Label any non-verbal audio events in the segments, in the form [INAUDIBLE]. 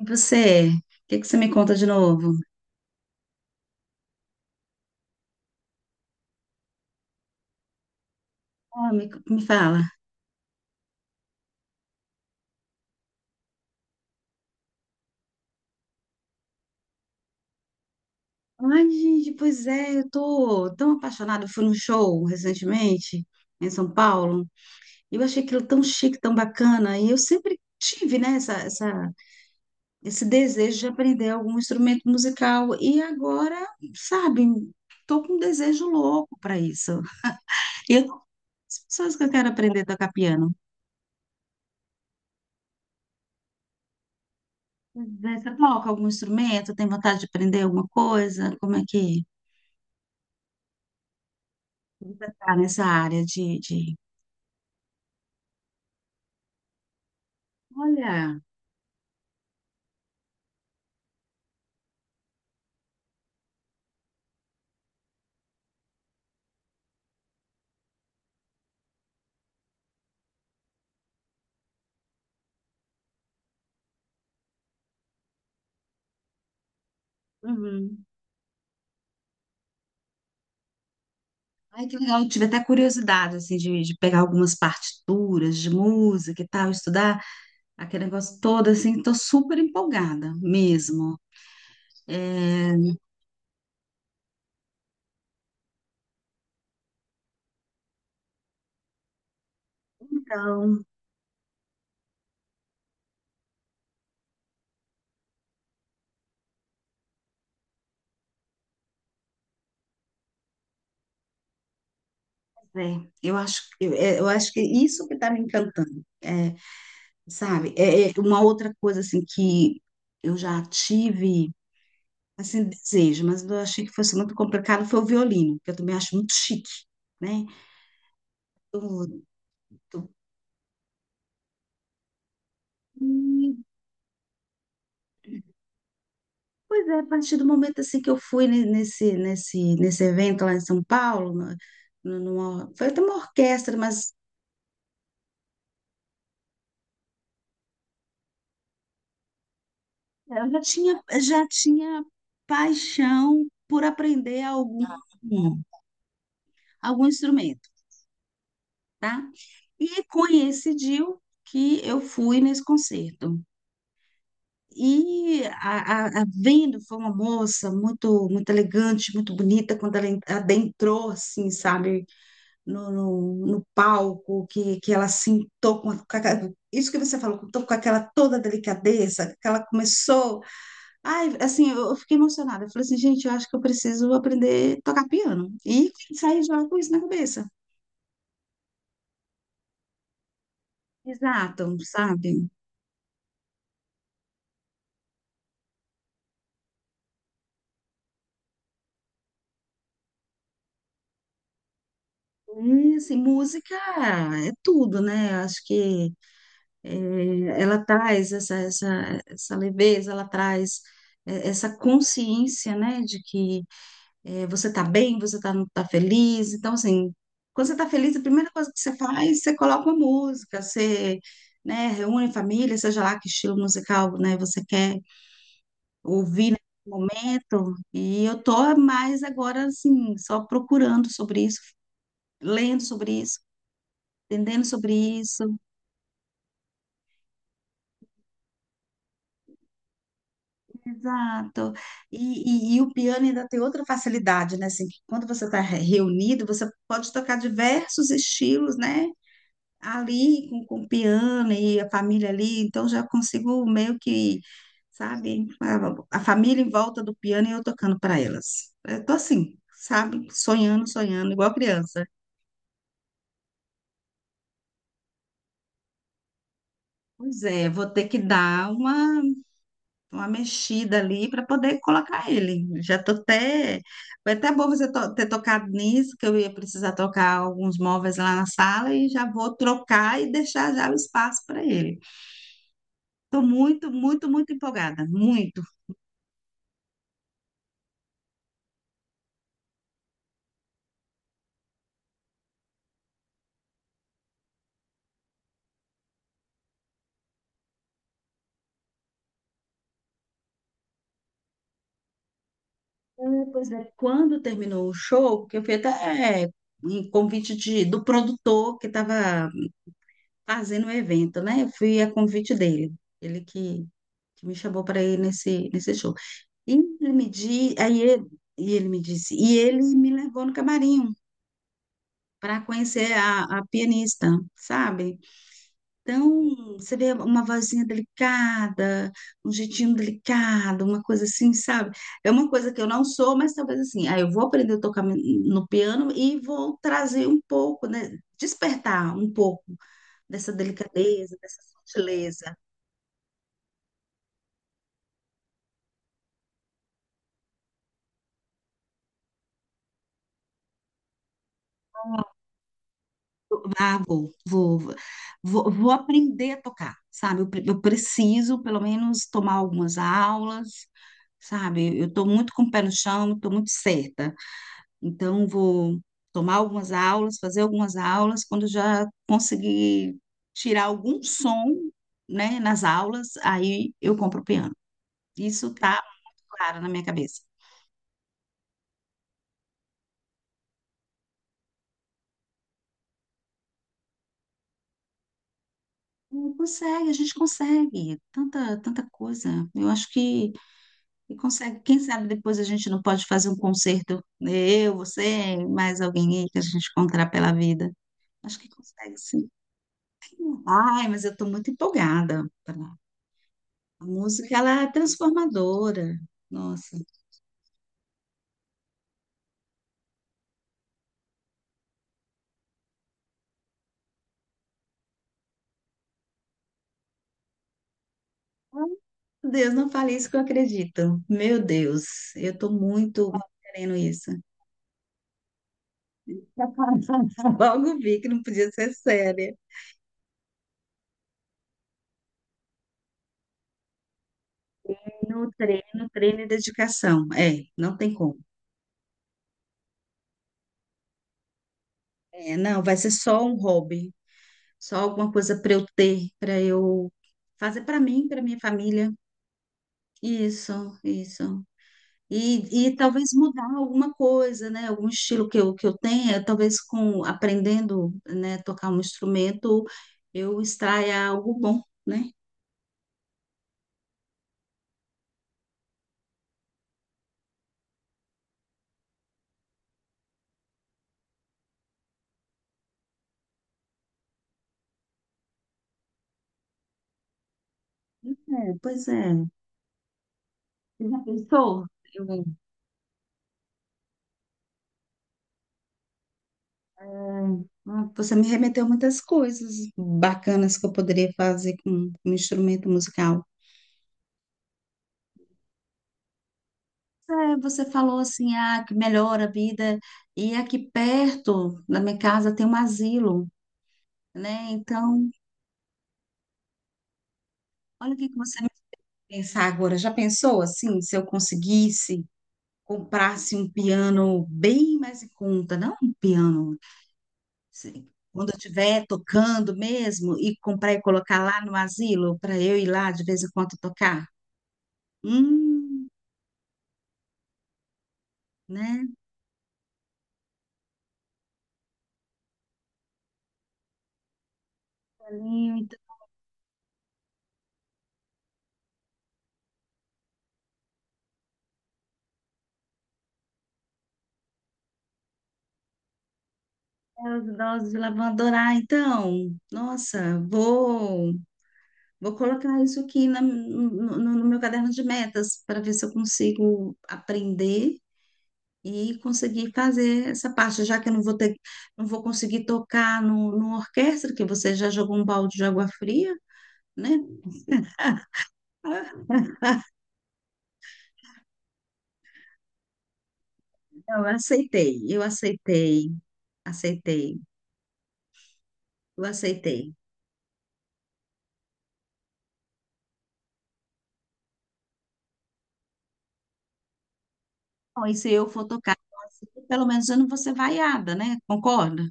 E você? O que você me conta de novo? Me fala. Ai, gente, pois é, eu tô tão apaixonada. Eu fui num show recentemente em São Paulo e eu achei aquilo tão chique, tão bacana. E eu sempre tive, né, esse desejo de aprender algum instrumento musical. E agora, sabe, tô com um desejo louco para isso. E eu tô com as pessoas que eu quero aprender a tocar piano. Pois é, você toca algum instrumento? Tem vontade de aprender alguma coisa? Como é que... Nunca tá nessa área de... Olha, uhum. Ai, que legal. Eu tive até curiosidade, assim, de pegar algumas partituras de música e tal, estudar aquele negócio todo, assim, tô super empolgada mesmo. É, então, é, eu acho, eu, é, eu acho que isso que tá me encantando, é, sabe? É, é uma outra coisa, assim, que eu já tive, assim, desejo, mas eu achei que fosse muito complicado, foi o violino, que eu também acho muito chique, né? Eu- E, pois é, a partir do momento assim que eu fui nesse evento lá em São Paulo, foi até uma orquestra, mas eu já tinha paixão por aprender algum, algum instrumento, tá? E coincidiu que eu fui nesse concerto. E a vendo foi uma moça muito muito elegante, muito bonita, quando ela adentrou, assim, sabe? no, no, no palco, que ela sentou com, isso que você falou, com aquela toda delicadeza, que ela começou. Ai, assim, eu fiquei emocionada. Eu falei assim, gente, eu acho que eu preciso aprender a tocar piano. E saí já com isso na cabeça. Exato, sabe? E, assim, música é tudo, né? Eu acho que ela traz essa leveza, ela traz essa consciência, né, de que é, você tá bem, você tá, tá feliz. Então, assim, quando você tá feliz, a primeira coisa que você faz, você coloca uma música, você, né, reúne a família, seja lá que estilo musical, né, você quer ouvir nesse momento. E eu tô mais agora, assim, só procurando sobre isso, lendo sobre isso. Entendendo sobre isso, exato. E o piano ainda tem outra facilidade, né? Assim, que quando você está reunido, você pode tocar diversos estilos, né? Ali com o piano e a família ali, então já consigo meio que, sabe, a família em volta do piano e eu tocando para elas. Eu tô assim, sabe, sonhando, sonhando, igual criança. Pois é, vou ter que dar uma mexida ali para poder colocar ele. Já tô até. Foi até bom você ter tocado nisso, que eu ia precisar tocar alguns móveis lá na sala e já vou trocar e deixar já o espaço para ele. Estou muito, muito, muito empolgada, muito. É, pois é, quando terminou o show, que eu fui até é, em convite de, do produtor que estava fazendo o evento, né? Eu fui a convite dele, ele que me chamou para ir nesse, nesse show. E ele me di, aí ele, e ele me disse, e ele me levou no camarim para conhecer a pianista, sabe? Então, você vê uma vozinha delicada, um jeitinho delicado, uma coisa assim, sabe? É uma coisa que eu não sou, mas talvez assim, aí eu vou aprender a tocar no piano e vou trazer um pouco, né? Despertar um pouco dessa delicadeza, dessa sutileza. Ah, vou aprender a tocar, sabe? Eu, eu preciso, pelo menos, tomar algumas aulas, sabe? Eu estou muito com o pé no chão, estou muito certa. Então, vou tomar algumas aulas, fazer algumas aulas. Quando já conseguir tirar algum som, né, nas aulas, aí eu compro o piano. Isso tá muito claro na minha cabeça. Não consegue, a gente consegue. Tanta, tanta coisa. Eu acho que consegue. Quem sabe depois a gente não pode fazer um concerto, né, eu, você, mais alguém aí que a gente encontrar pela vida. Acho que consegue, sim. Ai, mas eu estou muito empolgada. A música, ela é transformadora. Nossa, Deus, não fale isso que eu acredito. Meu Deus, eu tô muito querendo isso. [LAUGHS] Logo vi que não podia ser séria. No treino, treino e dedicação. É, não tem como. É, não, vai ser só um hobby, só alguma coisa para eu ter, para eu fazer para mim, para minha família. Isso, isso. E talvez mudar alguma coisa, né? Algum estilo que eu tenha, talvez com aprendendo, né, tocar um instrumento, eu extraia algo bom, né? É, pois é. Você já pensou? Eu- Você me remeteu muitas coisas bacanas que eu poderia fazer com um instrumento musical. É, você falou assim, ah, que melhora a vida. E aqui perto da minha casa tem um asilo, né? Então, olha o que que você pensar agora, já pensou assim, se eu conseguisse comprasse um piano bem mais em conta, não um piano, assim, quando eu estiver tocando mesmo e comprar e colocar lá no asilo para eu ir lá de vez em quando tocar? Hum, né? Alinho, então, os idosos lá vão adorar. Então, nossa, vou vou colocar isso aqui no, no no meu caderno de metas para ver se eu consigo aprender e conseguir fazer essa parte, já que eu não vou ter, não vou conseguir tocar no, numa orquestra, que você já jogou um balde de água fria, né? Eu aceitei, aceitei, eu aceitei. Bom, e se eu for tocar, assim, pelo menos eu não vou ser vaiada, né? Concorda?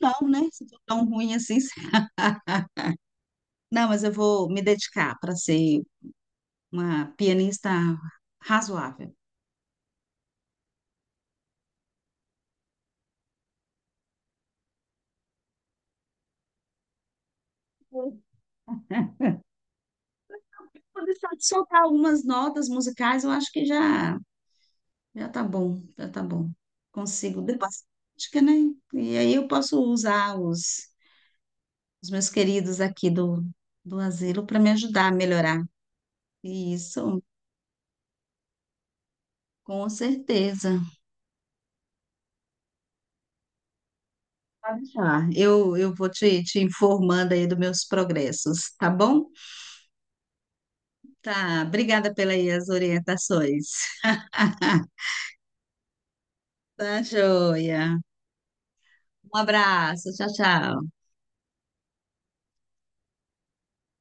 Não, né? Se for tão ruim assim. [LAUGHS] Não, mas eu vou me dedicar para ser uma pianista razoável. [LAUGHS] Vou deixar de soltar algumas notas musicais, eu acho que já já tá bom, já tá bom. Consigo depois, acho que, né? E aí eu posso usar os meus queridos aqui do, do asilo para me ajudar a melhorar. Isso, com certeza. Pode deixar. Eu vou te, te informando aí dos meus progressos, tá bom? Tá, obrigada pelas aí as orientações. [LAUGHS] Tá, joia. Um abraço, tchau, tchau.